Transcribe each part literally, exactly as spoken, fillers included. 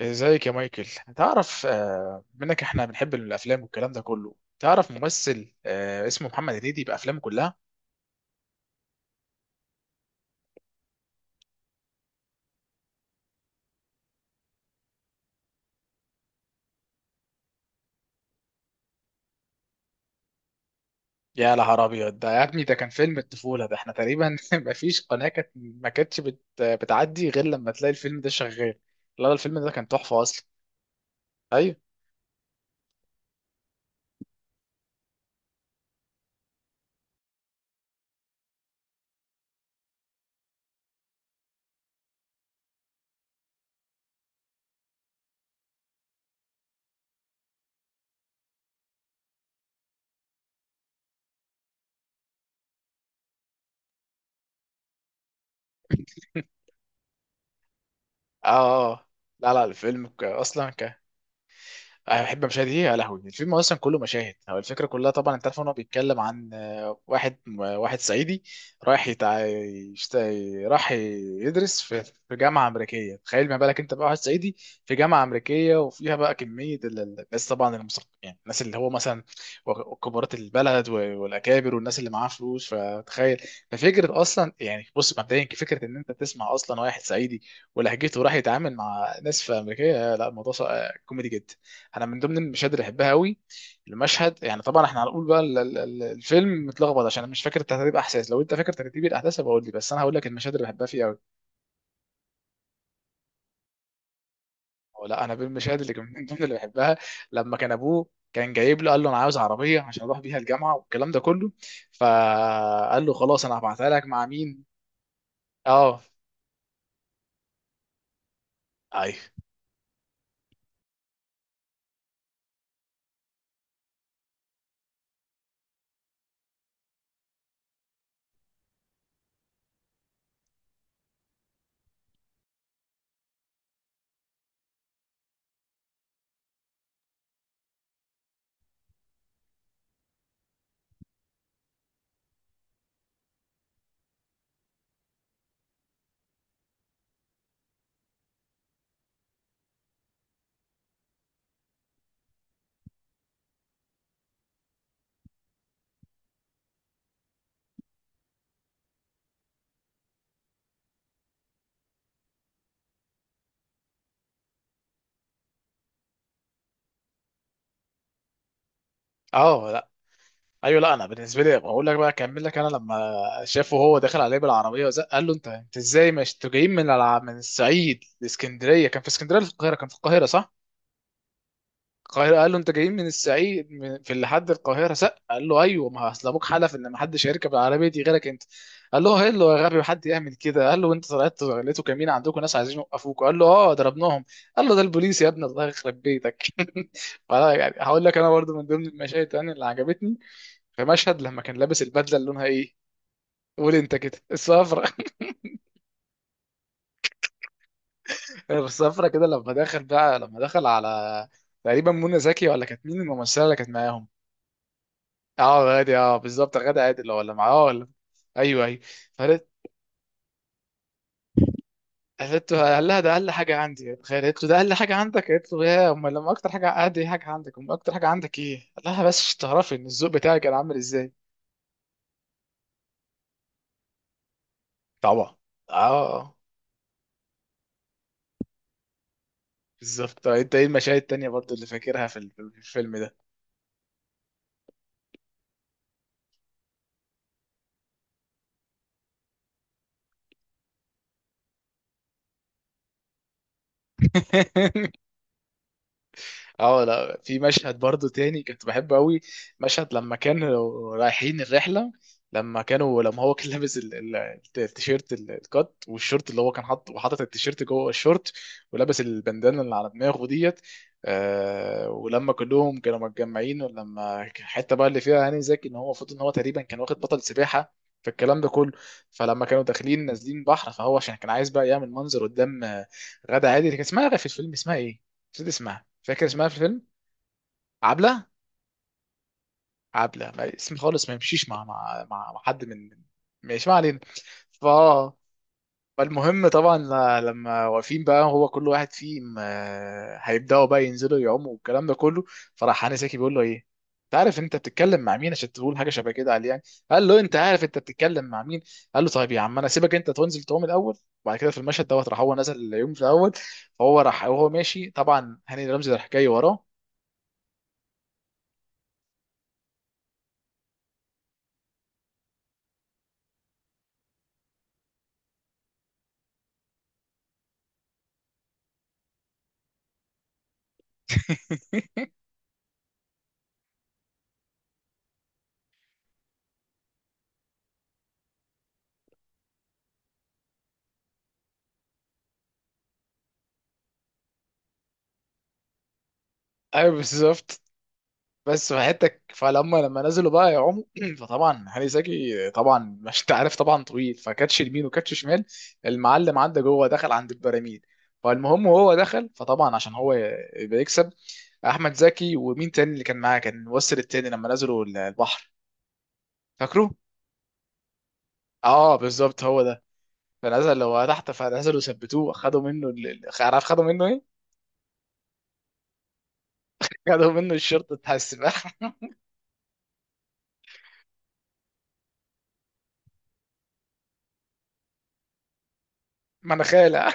ازيك يا مايكل. تعرف آه، منك احنا بنحب الافلام والكلام ده كله. تعرف ممثل آه، اسمه محمد هنيدي بافلامه كلها. يا نهار ابيض، ده يا ابني ده كان فيلم الطفوله. ده احنا تقريبا ما فيش قناه كانت ما كانتش بت... بتعدي غير لما تلاقي الفيلم ده شغال. لا لا، الفيلم ده كان تحفه اصلا. ايوه. اه، آه. لا لا، الفيلم ك- اصلا. احب مشاهد ايه؟ يا لهوي، الفيلم اصلا كله مشاهد. هو الفكره كلها، طبعا انت عارف ان هو بيتكلم عن آه، واحد واحد صعيدي. رايح يتع... يشت... راح يدرس في... في جامعه امريكيه. تخيل ما بالك انت بقى واحد صعيدي في جامعه امريكيه، وفيها بقى كميه ال- ال- الناس، طبعا المثقفين، يعني الناس اللي هو مثلا و- كبارات البلد و- والاكابر والناس اللي معاها فلوس، فتخيل. ففكره اصلا، يعني بص مبدئيا، فكره ان انت تسمع اصلا واحد صعيدي ولهجته راح يتعامل مع ناس في امريكيه. لا، الموضوع ص- آه، كوميدي جدا. انا من ضمن المشاهد اللي بحبها قوي. المشهد، يعني طبعا احنا هنقول بقى ال- ال- ال- الفيلم متلخبط عشان انا مش فاكر ترتيب احداث. لو انت فاكر ترتيب الاحداث، هبقول لي. بس انا هقول لك المشاهد اللي بحبها فيه قوي. او لا، انا بالمشاهد اللي كان- من ضمن اللي بحبها. لما كان ابوه كان جايب له، قال له: انا عاوز عربيه عشان اروح بيها الجامعه والكلام ده كله. فقال له: خلاص، انا هبعتها لك مع مين. اه. ايوه. اه. ايوه. لا، انا بالنسبه لي بقول لك بقى اكمل لك. انا لما شافه هو داخل عليه بالعربيه وزق، قال له: انت انت ازاي؟ مش انتوا جايين من الع... من الصعيد لاسكندريه؟ كان في اسكندريه ولا في القاهره؟ كان في القاهره، صح؟ القاهره. قال له: انت جايين من الصعيد من... في لحد القاهره؟ زق. قال له: ايوه، ما اصل ابوك حلف ان ما حدش هيركب العربيه دي غيرك انت. قال له: هيلو يا غبي، حد يعمل كده؟ قال له: انت طلعت لقيتوا كمين عندكم ناس عايزين يوقفوك؟ قال له: اه، ضربناهم. قال له: ده البوليس يا ابني، الله يخرب بيتك. فلا يعني، هقول لك انا برضو من ضمن المشاهد يعني اللي عجبتني. في مشهد لما كان لابس البدله اللي لونها ايه، قول انت كده، الصفرة. الصفرة كده لما دخل بقى، لما دخل على تقريبا منى زكي، ولا كانت مين الممثله اللي كانت معاهم؟ اه غادي، اه بالظبط، غادي عادل، ولا معاه ولا؟ ايوه، ايوه. فقالت قالت له، قال لها: ده اقل حاجه عندي. تخيل، قالت له: ده اقل حاجه عندك؟ قالت له: يا امال لما اكتر حاجه عندي حاجه عندك، امال اكتر حاجه عندك ايه؟ قال لها: بس عشان تعرفي ان الذوق بتاعي كان عامل ازاي. طبعا. اه، آه. بالظبط. طب انت ايه المشاهد التانية برضو اللي فاكرها في ال- في الفيلم ده؟ اه لا، في مشهد برضو تاني كنت بحبه قوي. مشهد لما كانوا رايحين الرحله، لما كانوا لما هو كان لابس ال- ال- الت- التيشيرت ال- الكات والشورت اللي هو كان حاطه، وحاطط التيشيرت جوه الشورت، ولابس البندانه اللي على دماغه ديت. آه ولما كلهم كانوا متجمعين، ولما كان الحته بقى اللي فيها هاني زكي ان هو المفروض ان هو تقريبا كان واخد بطل سباحه في الكلام ده كله. فلما كانوا داخلين نازلين بحر، فهو عشان كان عايز بقى يعمل منظر قدام آه، غادة عادل، كان اسمها في الفيلم اسمها ايه؟ نسيت اسمها. فاكر اسمها في الفيلم؟ عبله. عبله، ما- اسم خالص ما يمشيش مع مع مع مع حد من. ماشي، ما علينا. ف فالمهم، طبعا ل- لما واقفين بقى، هو كل واحد فيهم آه، هيبداوا بقى ينزلوا يعوموا والكلام ده كله. فراح هاني ساكي بيقول له: ايه، انت عارف انت بتتكلم مع مين عشان تقول حاجه شبه كده عليه يعني؟ قال له: انت عارف انت بتتكلم مع مين؟ قال له: طيب يا عم، انا سيبك انت تنزل تعوم الاول. وبعد كده في المشهد دوت، راح هو نزل اليوم في الاول. فهو راح وهو ماشي، طبعا هاني رمزي راح جاي وراه. ايوه، بالظبط. بس في حياتك، فلما لما نزلوا بقى يعوموا فطبعا هاني زكي طبعا مش انت عارف طبعا طويل، فكاتش يمين وكاتش شمال. المعلم عدى جوه، دخل عند البراميل. فالمهم وهو دخل، فطبعا عشان هو يبقى يكسب. احمد زكي ومين تاني اللي كان معاه، كان الممثل التاني لما نزلوا ال- البحر؟ فاكره؟ اه بالظبط، هو ده. فنزل هو تحت، فنزلوا ثبتوه، خدوا منه ال- ال- عارف خدوا منه ايه؟ خدوا منه الشرطه بتاع السباحه. مناخيره.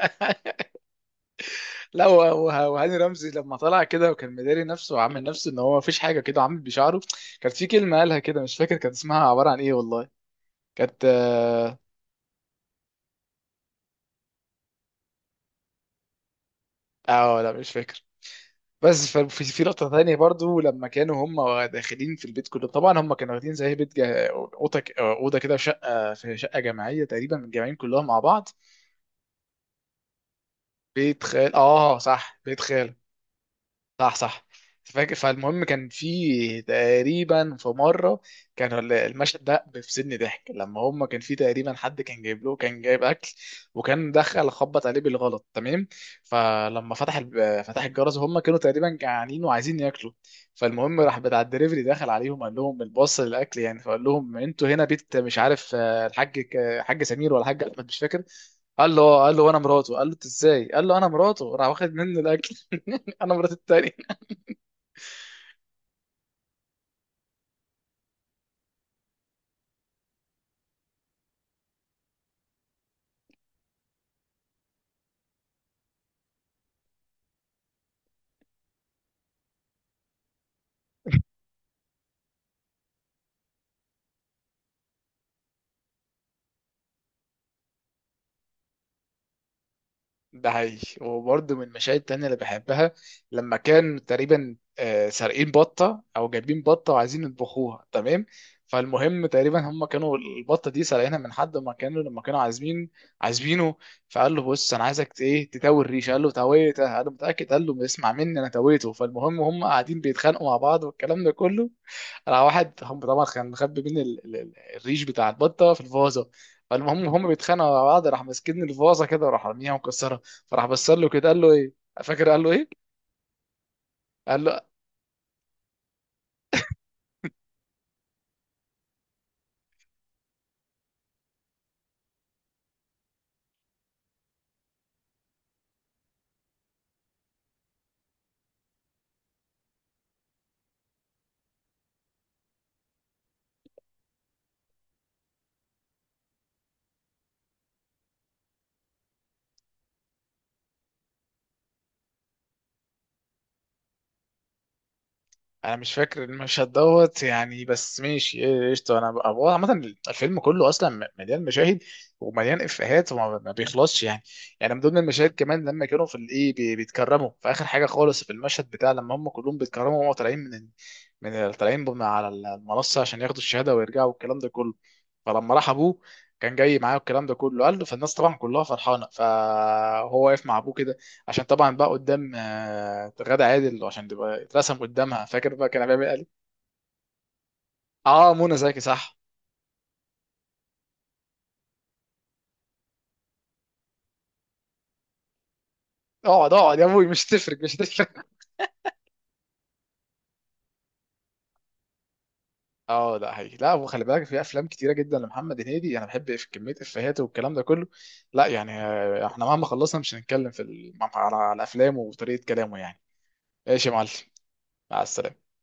لا، وه- وه- وهاني رمزي لما طلع كده وكان مداري نفسه وعامل نفسه ان هو مفيش حاجه كده وعامل بشعره. كانت في كلمه قالها كده، مش فاكر كانت اسمها عباره عن ايه والله. كانت، اه. آه، لا مش فاكر. بس ف- في في لقطه ثانيه برضو، لما كانوا هم داخلين في البيت كله طبعا، هم كانوا واخدين زي بيت جا... اوضه ك- اوضه كده في شقه في شقه جماعيه، تقريبا متجمعين كلهم مع بعض. بيت خال، اه صح، بيت خال، صح صح. فاكر. فالمهم كان في تقريبا في مره، كان ال- المشهد ده بيفصلني ضحك. لما هم كان في تقريبا حد كان جايب له كان جايب اكل، وكان دخل خبط عليه بالغلط، تمام. فلما فتح ال- فتح الجرس، هم كانوا تقريبا جعانين وعايزين ياكلوا. فالمهم راح بتاع الدليفري دخل عليهم، قال لهم: الباص للاكل يعني. فقال لهم: انتوا هنا بيت مش عارف آه، الحاج ك- حاج سمير ولا حاج احمد، مش فاكر. قال له قال له وانا مراته. قال له: انت ازاي؟ قال له: انا مراته. راح واخد منه الاكل. انا مرات التاني. ده حقيقي. وبرضه من المشاهد التانية اللي بحبها، لما كان تقريبا آه، سارقين بطة أو جايبين بطة وعايزين يطبخوها، تمام. فالمهم تقريبا هم كانوا البطة دي سارقينها من حد ما كانوا، لما كانوا عازمين عازمينه. فقال له: بص أنا عايزك ت- إيه تتوي الريش. قال له: تويتها. قال له: متأكد؟ قال له: اسمع مني أنا تويته. فالمهم هم قاعدين بيتخانقوا مع بعض والكلام ده كله. راح واحد، هم طبعا كان مخبي بين ال- ال- ال- الريش بتاع البطة في الفازة. فالمهم هم بيتخانقوا مع بعض، راح ماسكين الفازة كده، وراح راميها ومكسرها. فراح بص له كده، قال له ايه؟ فاكر قال له ايه؟ قال له. انا مش فاكر المشهد دوت يعني، بس ماشي. إيه، قشطه. انا بقى- هو عامه الفيلم كله اصلا مليان مشاهد، ومليان افيهات وما ما بيخلصش يعني. يعني من ضمن المشاهد كمان، لما كانوا في الايه بي- بيتكرموا في اخر حاجه خالص، في المشهد بتاع لما هم كلهم بيتكرموا وهم طالعين من ال- من ال- طالعين بم- على المنصه عشان ياخدوا الشهاده ويرجعوا والكلام ده كله. فلما راح ابوه كان جاي معاه والكلام ده كله، قال له. فالناس طبعا كلها فرحانه، فهو واقف مع ابوه كده، عشان طبعا بقى قدام آه، غادة عادل عشان تبقى اترسم قدامها. فاكر بقى كان عامل ايه؟ قال لي. اه، منى زكي، صح. اقعد اقعد يا ابوي، مش هتفرق، مش هتفرق. اه لا هي، لا. وخلي بالك، في افلام كتيره جدا لمحمد هنيدي، انا بحب في كميه افيهات والكلام ده كله. لا يعني، آه، احنا مهما خلصنا مش هنتكلم في ال... على على افلامه وطريقه كلامه يعني. ايش يا معلم. مع السلامه.